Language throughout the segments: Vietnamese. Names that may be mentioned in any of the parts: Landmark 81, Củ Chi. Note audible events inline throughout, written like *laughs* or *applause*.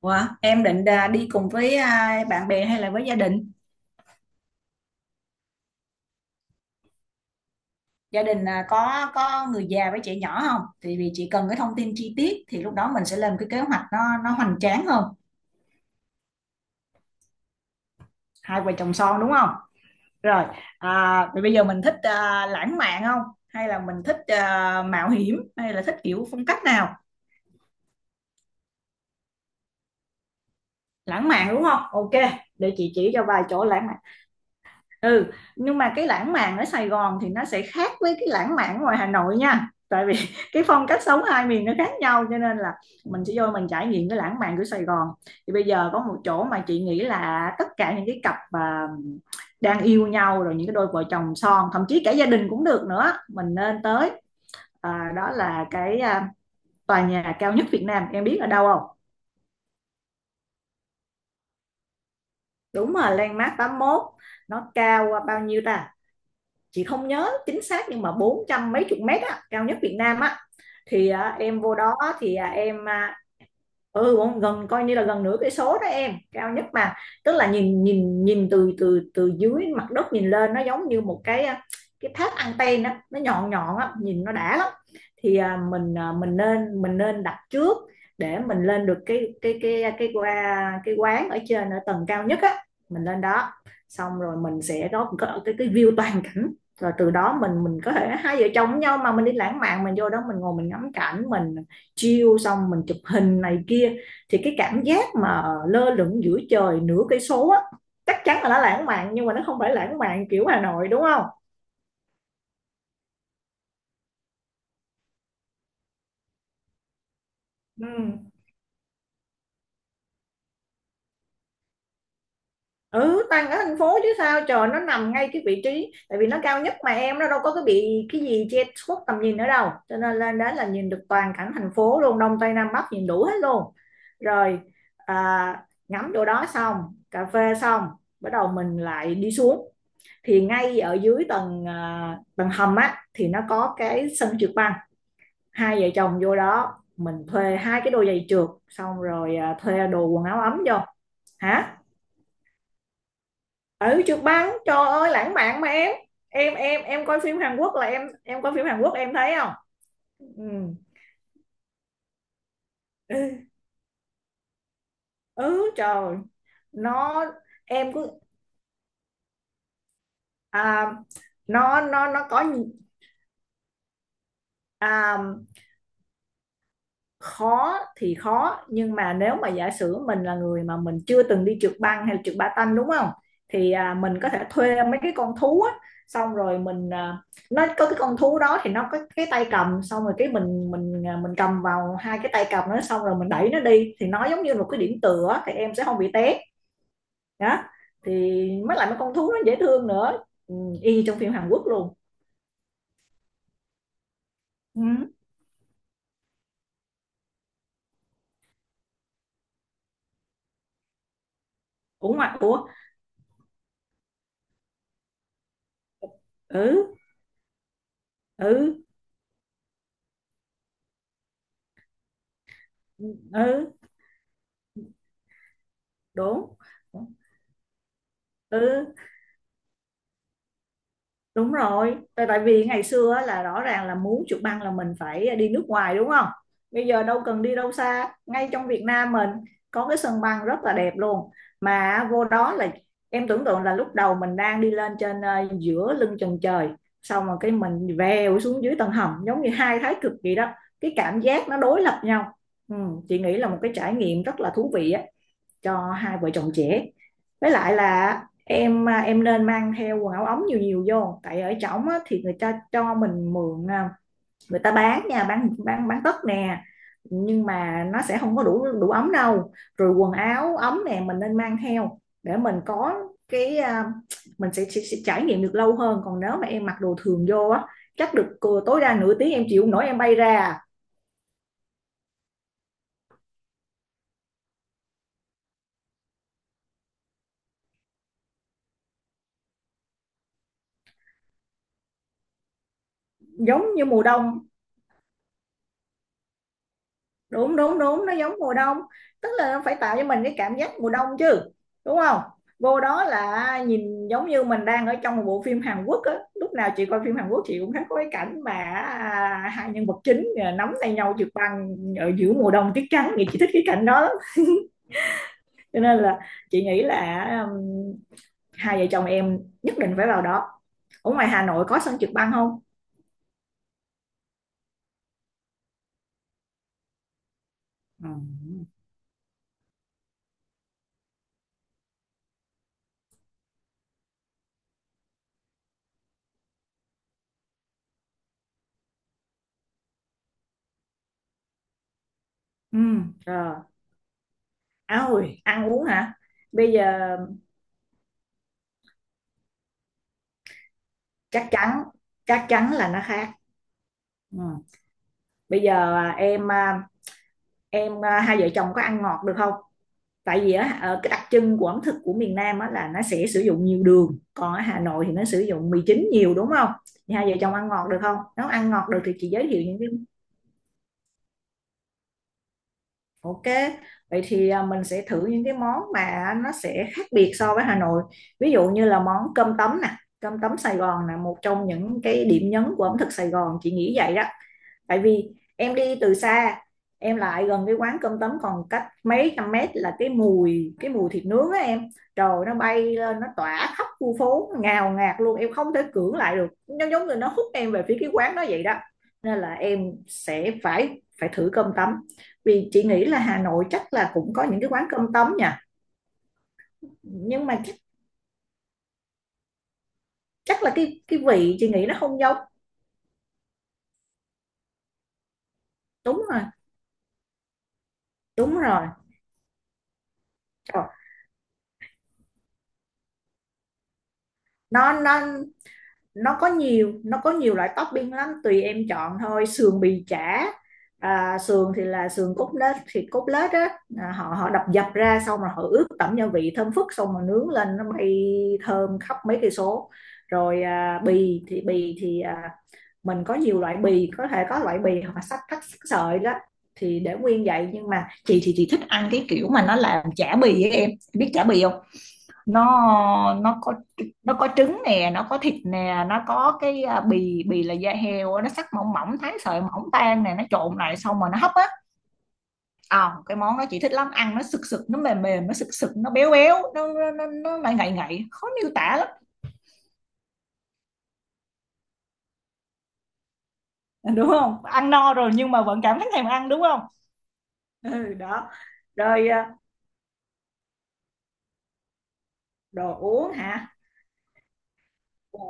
Ủa, em định đi cùng với bạn bè hay là với gia đình? Gia đình à, có người già với trẻ nhỏ không? Thì vì chị cần cái thông tin chi tiết thì lúc đó mình sẽ lên cái kế hoạch nó hoành tráng hơn. Hai vợ chồng son đúng không? Rồi, vậy bây giờ mình thích lãng mạn không? Hay là mình thích mạo hiểm hay là thích kiểu phong cách nào? Lãng mạn đúng không? Ok, để chị chỉ cho vài chỗ lãng mạn. Ừ, nhưng mà cái lãng mạn ở Sài Gòn thì nó sẽ khác với cái lãng mạn ngoài Hà Nội nha, tại vì *laughs* cái phong cách sống hai miền nó khác nhau, cho nên là mình sẽ vô mình trải nghiệm cái lãng mạn của Sài Gòn. Thì bây giờ có một chỗ mà chị nghĩ là tất cả những cái cặp mà đang yêu nhau, rồi những cái đôi vợ chồng son, thậm chí cả gia đình cũng được nữa, mình nên tới. Đó là cái tòa nhà cao nhất Việt Nam, em biết ở đâu không? Đúng rồi, Landmark 81. Nó cao bao nhiêu ta? Chị không nhớ chính xác, nhưng mà bốn trăm mấy chục mét á, cao nhất Việt Nam á. Thì em vô đó. Thì ừ, gần, coi như là gần nửa cái số đó, em, cao nhất mà. Tức là nhìn nhìn nhìn từ từ từ dưới mặt đất nhìn lên, nó giống như một cái cái tháp anten á, nó nhọn nhọn á, nhìn nó đã lắm. Thì mình nên đặt trước để mình lên được cái cái quán ở trên, ở tầng cao nhất á. Mình lên đó, xong rồi mình sẽ có cái view toàn cảnh. Rồi từ đó mình có thể hai vợ chồng với nhau mà mình đi lãng mạn, mình vô đó mình ngồi mình ngắm cảnh mình chiêu, xong mình chụp hình này kia. Thì cái cảm giác mà lơ lửng giữa trời nửa cây số á, chắc chắn là nó lãng mạn, nhưng mà nó không phải lãng mạn kiểu Hà Nội đúng không? Ừ, ừ, tăng ở thành phố chứ sao trời, nó nằm ngay cái vị trí, tại vì nó cao nhất mà em, nó đâu có cái bị cái gì che khuất tầm nhìn ở đâu, cho nên lên đó là nhìn được toàn cảnh thành phố luôn, đông tây nam bắc nhìn đủ hết luôn. Rồi, ngắm chỗ đó xong, cà phê xong, bắt đầu mình lại đi xuống. Thì ngay ở dưới tầng tầng hầm á, thì nó có cái sân trượt băng. Hai vợ chồng vô đó mình thuê hai cái đôi giày trượt, xong rồi thuê đồ quần áo ấm vô. Hả? Ở trượt băng trời ơi, lãng mạn mà em. Em coi phim Hàn Quốc, là em coi phim Hàn Quốc em thấy không? Ừ, ừ, ừ, trời nó… Em cứ à, nó nó nó có à, khó thì khó, nhưng mà nếu mà giả sử mình là người mà mình chưa từng đi trượt băng hay là trượt patin đúng không, thì mình có thể thuê mấy cái con thú á, xong rồi nó có cái con thú đó thì nó có cái tay cầm, xong rồi cái mình cầm vào hai cái tay cầm nó, xong rồi mình đẩy nó đi, thì nó giống như một cái điểm tựa á, thì em sẽ không bị té. Đó, thì mới lại mấy con thú nó dễ thương nữa. Ừ, y như trong phim Hàn Quốc luôn. Ừ, cũng mặc của… ừ, ừ, ừ, đúng, ừ. Đúng rồi, tại tại vì ngày xưa á, là rõ ràng là muốn chụp băng là mình phải đi nước ngoài đúng không? Bây giờ đâu cần đi đâu xa, ngay trong Việt Nam mình có cái sân băng rất là đẹp luôn. Mà vô đó là em tưởng tượng là lúc đầu mình đang đi lên trên, giữa lưng chừng trời, xong rồi cái mình vèo xuống dưới tầng hầm, giống như hai thái cực vậy đó. Cái cảm giác nó đối lập nhau. Ừ, chị nghĩ là một cái trải nghiệm rất là thú vị á, cho hai vợ chồng trẻ. Với lại là em nên mang theo quần áo ống nhiều nhiều vô, tại ở trỏng á, thì người ta cho mình mượn, người ta bán nha, bán tất nè, nhưng mà nó sẽ không có đủ đủ ấm đâu. Rồi quần áo ấm nè, mình nên mang theo để mình có cái mình sẽ trải nghiệm được lâu hơn. Còn nếu mà em mặc đồ thường vô á, chắc được tối đa nửa tiếng em chịu không nổi em bay ra. Giống như mùa đông. Đúng đúng đúng, nó giống mùa đông. Tức là nó phải tạo cho mình cái cảm giác mùa đông chứ, đúng không? Vô đó là nhìn giống như mình đang ở trong một bộ phim Hàn Quốc á. Lúc nào chị coi phim Hàn Quốc chị cũng thấy có cái cảnh mà hai nhân vật chính nắm tay nhau trượt băng ở giữa mùa đông tuyết trắng, thì chị thích cái cảnh đó lắm. Cho nên là chị nghĩ là hai vợ chồng em nhất định phải vào đó. Ở ngoài Hà Nội có sân trượt băng không? Ừ. Ừ, rồi. Ôi ăn uống hả? Bây giờ… chắc chắn, chắc chắn là nó khác. Ừ. Bây giờ hai vợ chồng có ăn ngọt được không? Tại vì á, ờ, cái đặc trưng của ẩm thực của miền Nam á là nó sẽ sử dụng nhiều đường, còn ở Hà Nội thì nó sử dụng mì chính nhiều đúng không? Thì hai vợ chồng ăn ngọt được không? Nếu ăn ngọt được thì chị giới thiệu những cái… Ok, vậy thì mình sẽ thử những cái món mà nó sẽ khác biệt so với Hà Nội. Ví dụ như là món cơm tấm nè. Cơm tấm Sài Gòn là một trong những cái điểm nhấn của ẩm thực Sài Gòn, chị nghĩ vậy đó. Tại vì em đi từ xa, em lại gần cái quán cơm tấm còn cách mấy trăm mét là cái mùi, cái mùi thịt nướng á em, trời, nó bay lên, nó tỏa khắp khu phố ngào ngạt luôn, em không thể cưỡng lại được, nó giống như nó hút em về phía cái quán đó vậy đó. Nên là em sẽ phải phải thử cơm tấm. Vì chị nghĩ là Hà Nội chắc là cũng có những cái quán cơm tấm nha, nhưng mà chắc, chắc là cái vị chị nghĩ nó không giống. Đúng rồi. Đúng rồi. Trời, nó nó nó có nhiều, nó có nhiều loại topping lắm, tùy em chọn thôi: sườn, bì, chả. Sườn thì là sườn cốt lết, thịt cốt lết á, à, họ họ đập dập ra, xong rồi họ ướp tẩm gia vị thơm phức, xong rồi nướng lên nó bay thơm khắp mấy cây số. Rồi mình có nhiều loại bì, có thể có loại bì hoặc là sắc thắt sắc sợi đó thì để nguyên vậy. Nhưng mà chị thì chị thích ăn cái kiểu mà nó làm chả bì ấy em, biết chả bì không? Nó có, nó có trứng nè, nó có thịt nè, nó có cái à, bì bì là da heo á, nó sắc mỏng mỏng, thái sợi mỏng tan nè, nó trộn lại xong rồi nó hấp á. Cái món đó chị thích lắm, ăn nó sực sực, nó mềm mềm, nó sực sực, nó béo béo, nó lại ngậy ngậy, khó miêu tả lắm. Đúng không, ăn no rồi nhưng mà vẫn cảm thấy thèm ăn đúng không? Ừ đó, rồi. Đồ uống hả? Ồ,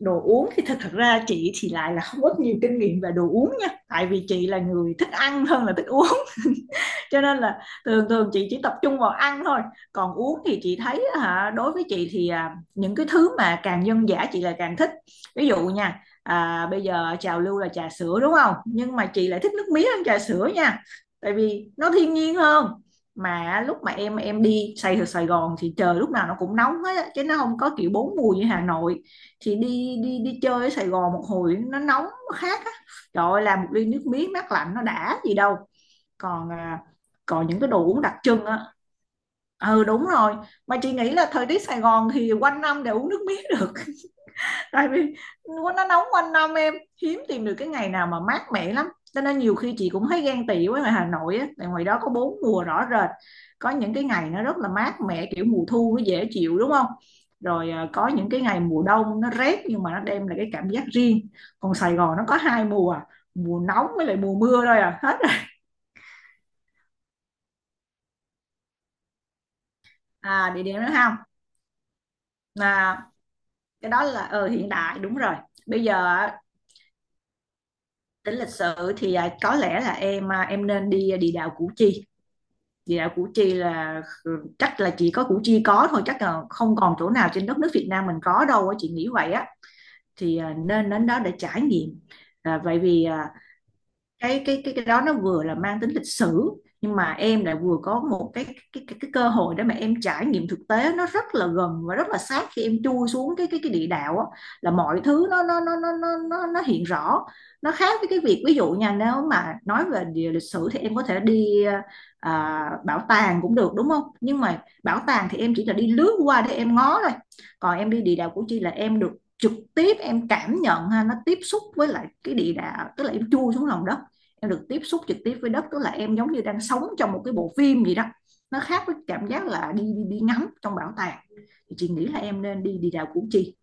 đồ uống thì thật thật ra chị thì lại là không có nhiều kinh nghiệm về đồ uống nha, tại vì chị là người thích ăn hơn là thích uống. Cho nên là thường thường chị chỉ tập trung vào ăn thôi. Còn uống thì chị thấy hả, đối với chị thì những cái thứ mà càng dân dã chị lại càng thích. Ví dụ nha, bây giờ trào lưu là trà sữa đúng không, nhưng mà chị lại thích nước mía hơn trà sữa nha, tại vì nó thiên nhiên hơn. Mà lúc mà em đi Sài ở Sài Gòn thì trời lúc nào nó cũng nóng hết á, chứ nó không có kiểu bốn mùa như Hà Nội. Thì đi đi đi chơi ở Sài Gòn một hồi nó nóng nó khác á, trời ơi làm một ly nước miếng mát lạnh nó đã gì đâu. Còn còn những cái đồ uống đặc trưng á. Ừ đúng rồi, mà chị nghĩ là thời tiết Sài Gòn thì quanh năm để uống nước mía được. *laughs* Tại vì nó nóng quanh năm em, hiếm tìm được cái ngày nào mà mát mẻ lắm. Cho nên nhiều khi chị cũng thấy ghen tị với ngoài Hà Nội á, tại ngoài đó có bốn mùa rõ rệt, có những cái ngày nó rất là mát mẻ kiểu mùa thu nó dễ chịu đúng không, rồi có những cái ngày mùa đông nó rét, nhưng mà nó đem lại cái cảm giác riêng. Còn Sài Gòn nó có hai mùa, mùa nóng với lại mùa mưa thôi à, hết rồi. À, địa điểm nữa không? À, cái đó là ờ, hiện đại đúng rồi. Bây giờ tính lịch sử thì à, có lẽ là em à, em nên đi địa đạo Củ Chi. Địa đạo Củ Chi là, ừ, chắc là chỉ có Củ Chi có thôi, chắc là không còn chỗ nào trên đất nước Việt Nam mình có đâu á, chị nghĩ vậy á. Thì nên đến đó để trải nghiệm. à, vậy vì à, cái đó nó vừa là mang tính lịch sử, nhưng mà em lại vừa có một cái cơ hội để mà em trải nghiệm thực tế nó rất là gần và rất là sát, khi em chui xuống cái địa đạo á, là mọi thứ nó hiện rõ. Nó khác với cái việc, ví dụ nha, nếu mà nói về địa lịch sử thì em có thể đi bảo tàng cũng được đúng không, nhưng mà bảo tàng thì em chỉ là đi lướt qua để em ngó thôi. Còn em đi địa đạo Củ Chi là em được trực tiếp em cảm nhận ha, nó tiếp xúc với lại cái địa đạo, tức là em chui xuống lòng đất, em được tiếp xúc trực tiếp với đất, tức là em giống như đang sống trong một cái bộ phim gì đó. Nó khác với cảm giác là đi đi đi ngắm trong bảo tàng. Thì chị nghĩ là em nên đi đi đảo Củ Chi.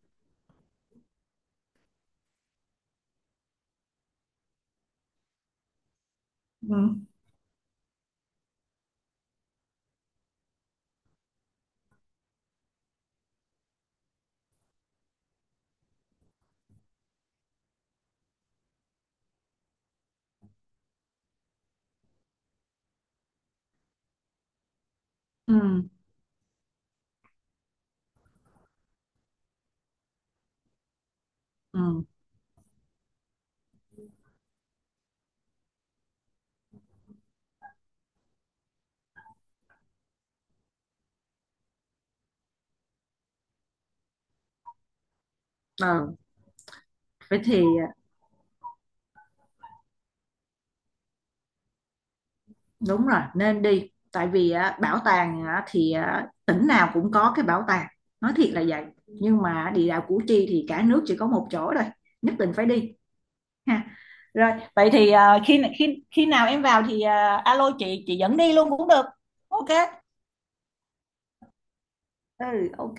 Ừ. Ừ. Ừ. Ờ, vậy thì đúng rồi nên đi, tại vì á, bảo tàng á, thì á, tỉnh nào cũng có cái bảo tàng, nói thiệt là vậy. Nhưng mà địa đạo Củ Chi thì cả nước chỉ có một chỗ thôi, nhất định phải đi ha. Rồi, vậy thì ờ, khi khi khi nào em vào thì ờ, alo chị dẫn đi luôn cũng được. Ok. Ừ, ok.